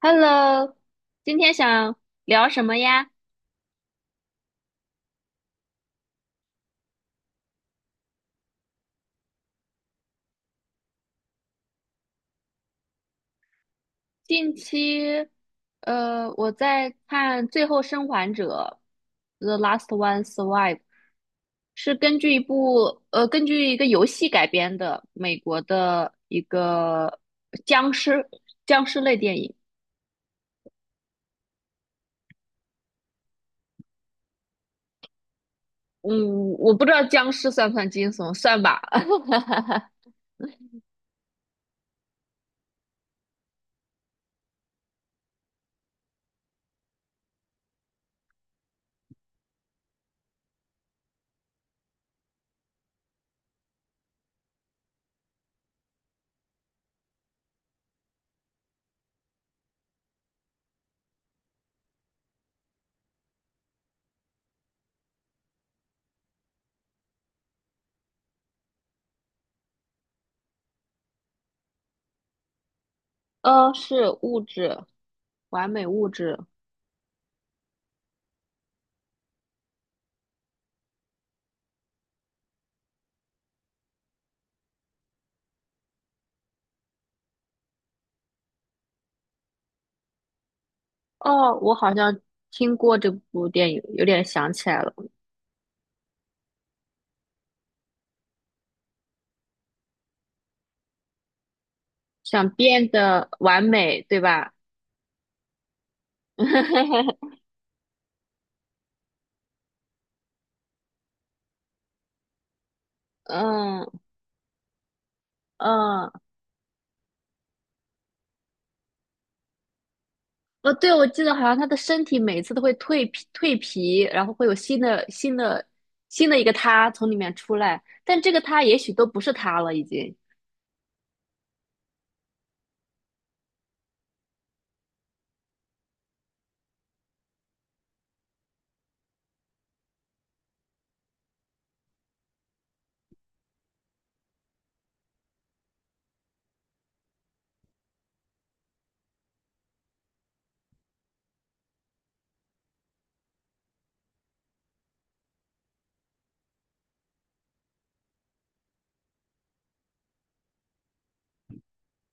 Hello，今天想聊什么呀？近期，我在看《最后生还者》(The Last One Survive)，是根据一部根据一个游戏改编的美国的一个僵尸类电影。嗯，我不知道僵尸算不算惊悚，算吧。呃，是物质，完美物质。哦，我好像听过这部电影，有点想起来了。想变得完美，对吧？嗯嗯，哦，对，我记得好像他的身体每次都会蜕皮，然后会有新的新的一个他从里面出来，但这个他也许都不是他了，已经。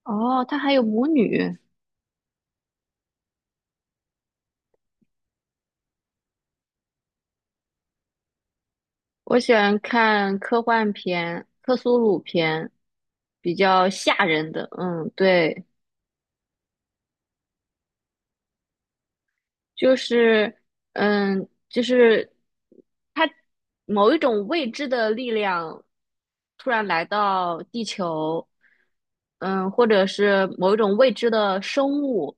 哦，他还有母女。我喜欢看科幻片、克苏鲁片，比较吓人的。嗯，对，就是嗯，就是它某一种未知的力量突然来到地球，嗯，或者是某一种未知的生物，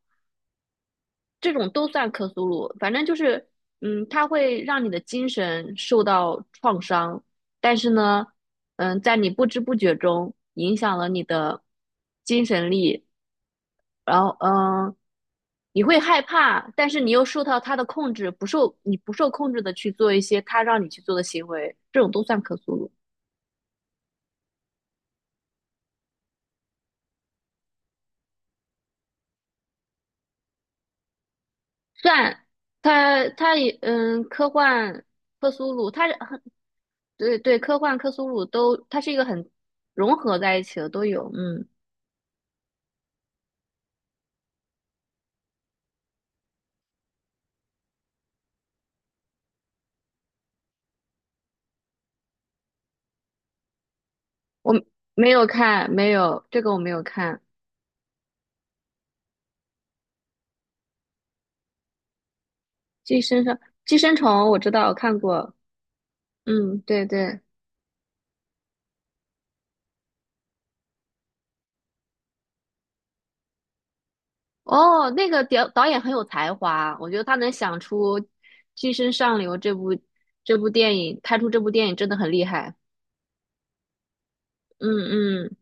这种都算克苏鲁。反正就是，嗯，它会让你的精神受到创伤，但是呢，嗯，在你不知不觉中影响了你的精神力。然后你会害怕，但是你又受到他的控制，不受你不受控制的去做一些他让你去做的行为，这种都算克苏鲁，算他他也科幻克苏鲁，他是很对对，科幻克苏鲁都，它是一个很融合在一起的，都有。嗯，我没有看，没有这个我没有看，《寄生上寄生虫》我知道我看过，嗯，对对。哦，那个导演很有才华，我觉得他能想出《寄身上流》这部电影，拍出这部电影真的很厉害。嗯嗯，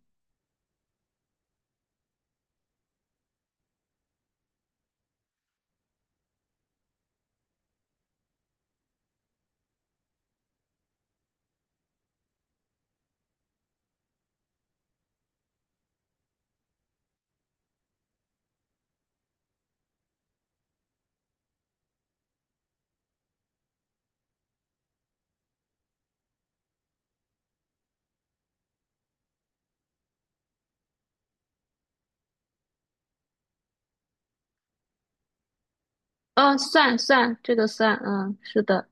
哦，算算，这个算，嗯，是的。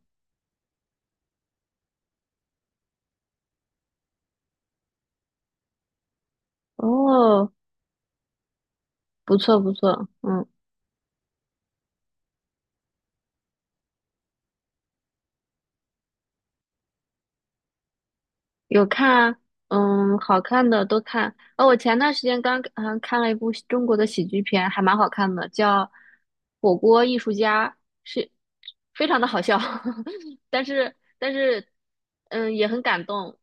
哦，不错不错，嗯，有看，嗯，好看的都看。哦，我前段时间刚看了一部中国的喜剧片，还蛮好看的，叫《火锅艺术家》，是非常的好笑，但是也很感动。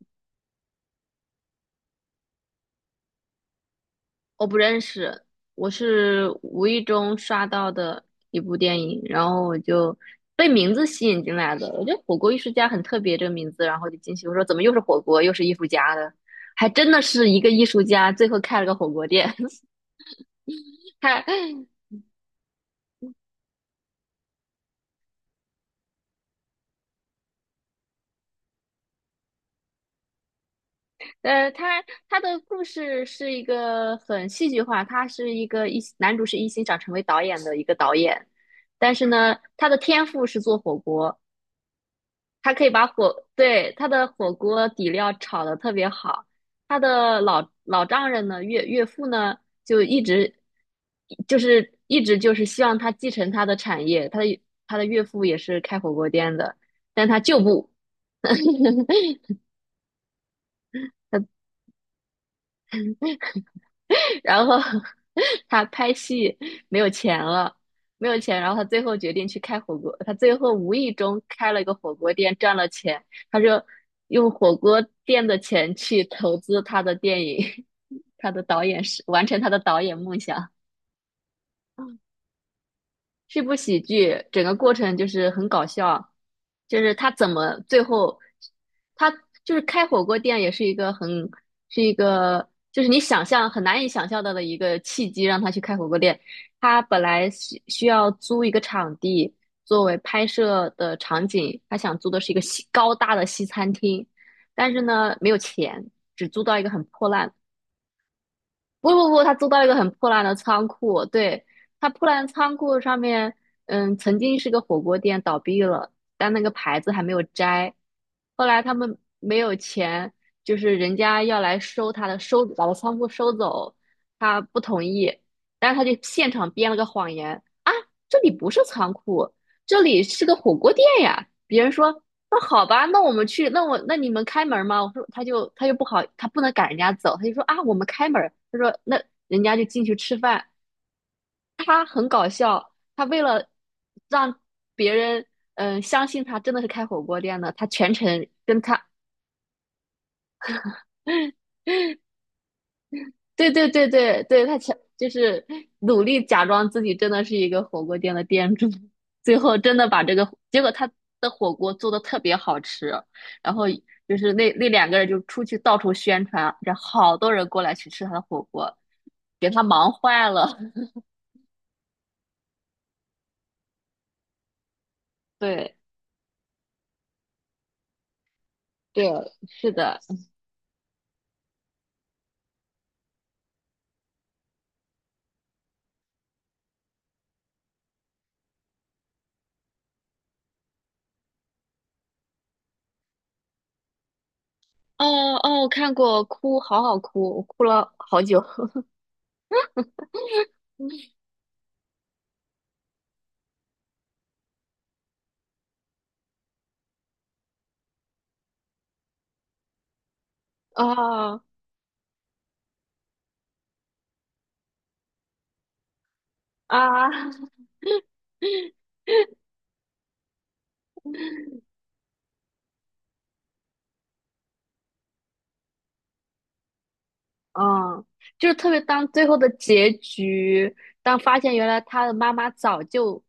我不认识，我是无意中刷到的一部电影，然后我就被名字吸引进来的。我觉得"火锅艺术家"很特别这个名字，然后就进去，我说怎么又是火锅，又是艺术家的？还真的是一个艺术家，最后开了个火锅店。他，他他的故事是一个很戏剧化，他是一个一男主是一心想成为导演的一个导演，但是呢，他的天赋是做火锅。他可以把火，对，他的火锅底料炒得特别好。他的老丈人呢，岳父呢，就一直就是一直就是希望他继承他的产业。他的岳父也是开火锅店的，但他就不，他然后 他拍戏没有钱了，没有钱，然后他最后决定去开火锅。他最后无意中开了一个火锅店，赚了钱。他就用火锅店的钱去投资他的电影，他的导演是完成他的导演梦想。是部喜剧，整个过程就是很搞笑，就是他怎么最后，他就是开火锅店也是一个很，是一个就是你想象很难以想象到的一个契机，让他去开火锅店。他本来需要租一个场地作为拍摄的场景，他想租的是一个西高大的西餐厅，但是呢没有钱，只租到一个很破烂。不不不，他租到一个很破烂的仓库，对，他破烂的仓库上面，嗯，曾经是个火锅店，倒闭了，但那个牌子还没有摘。后来他们没有钱，就是人家要来收他的，把他仓库收走，他不同意，但是他就现场编了个谎言，这里不是仓库，这里是个火锅店呀。"别人说："那好吧，那我们去，那你们开门吗？"我说："他就不好，他不能赶人家走，他就说啊，我们开门。"他说："那人家就进去吃饭。"他为了让别人相信他真的是开火锅店的，他全程跟他对对对对对，他强就是努力假装自己真的是一个火锅店的店主，最后真的把这个结果他的火锅做的特别好吃，然后就是那那两个人就出去到处宣传，然后好多人过来去吃他的火锅，给他忙坏了。对对，是的，哦哦，我看过，哭，好好哭，我哭了好久。啊啊！嗯，就是特别当最后的结局，当发现原来他的妈妈早就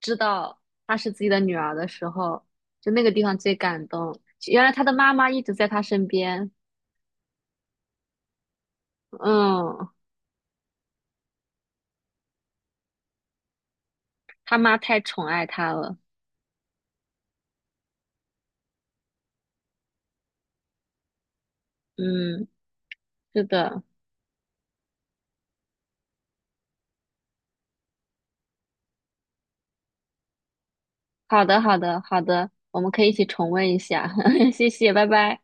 知道她是自己的女儿的时候，就那个地方最感动。原来他的妈妈一直在他身边，嗯，他妈太宠爱他了，嗯，是的，好的，好的，好的，我们可以一起重温一下，谢谢，拜拜。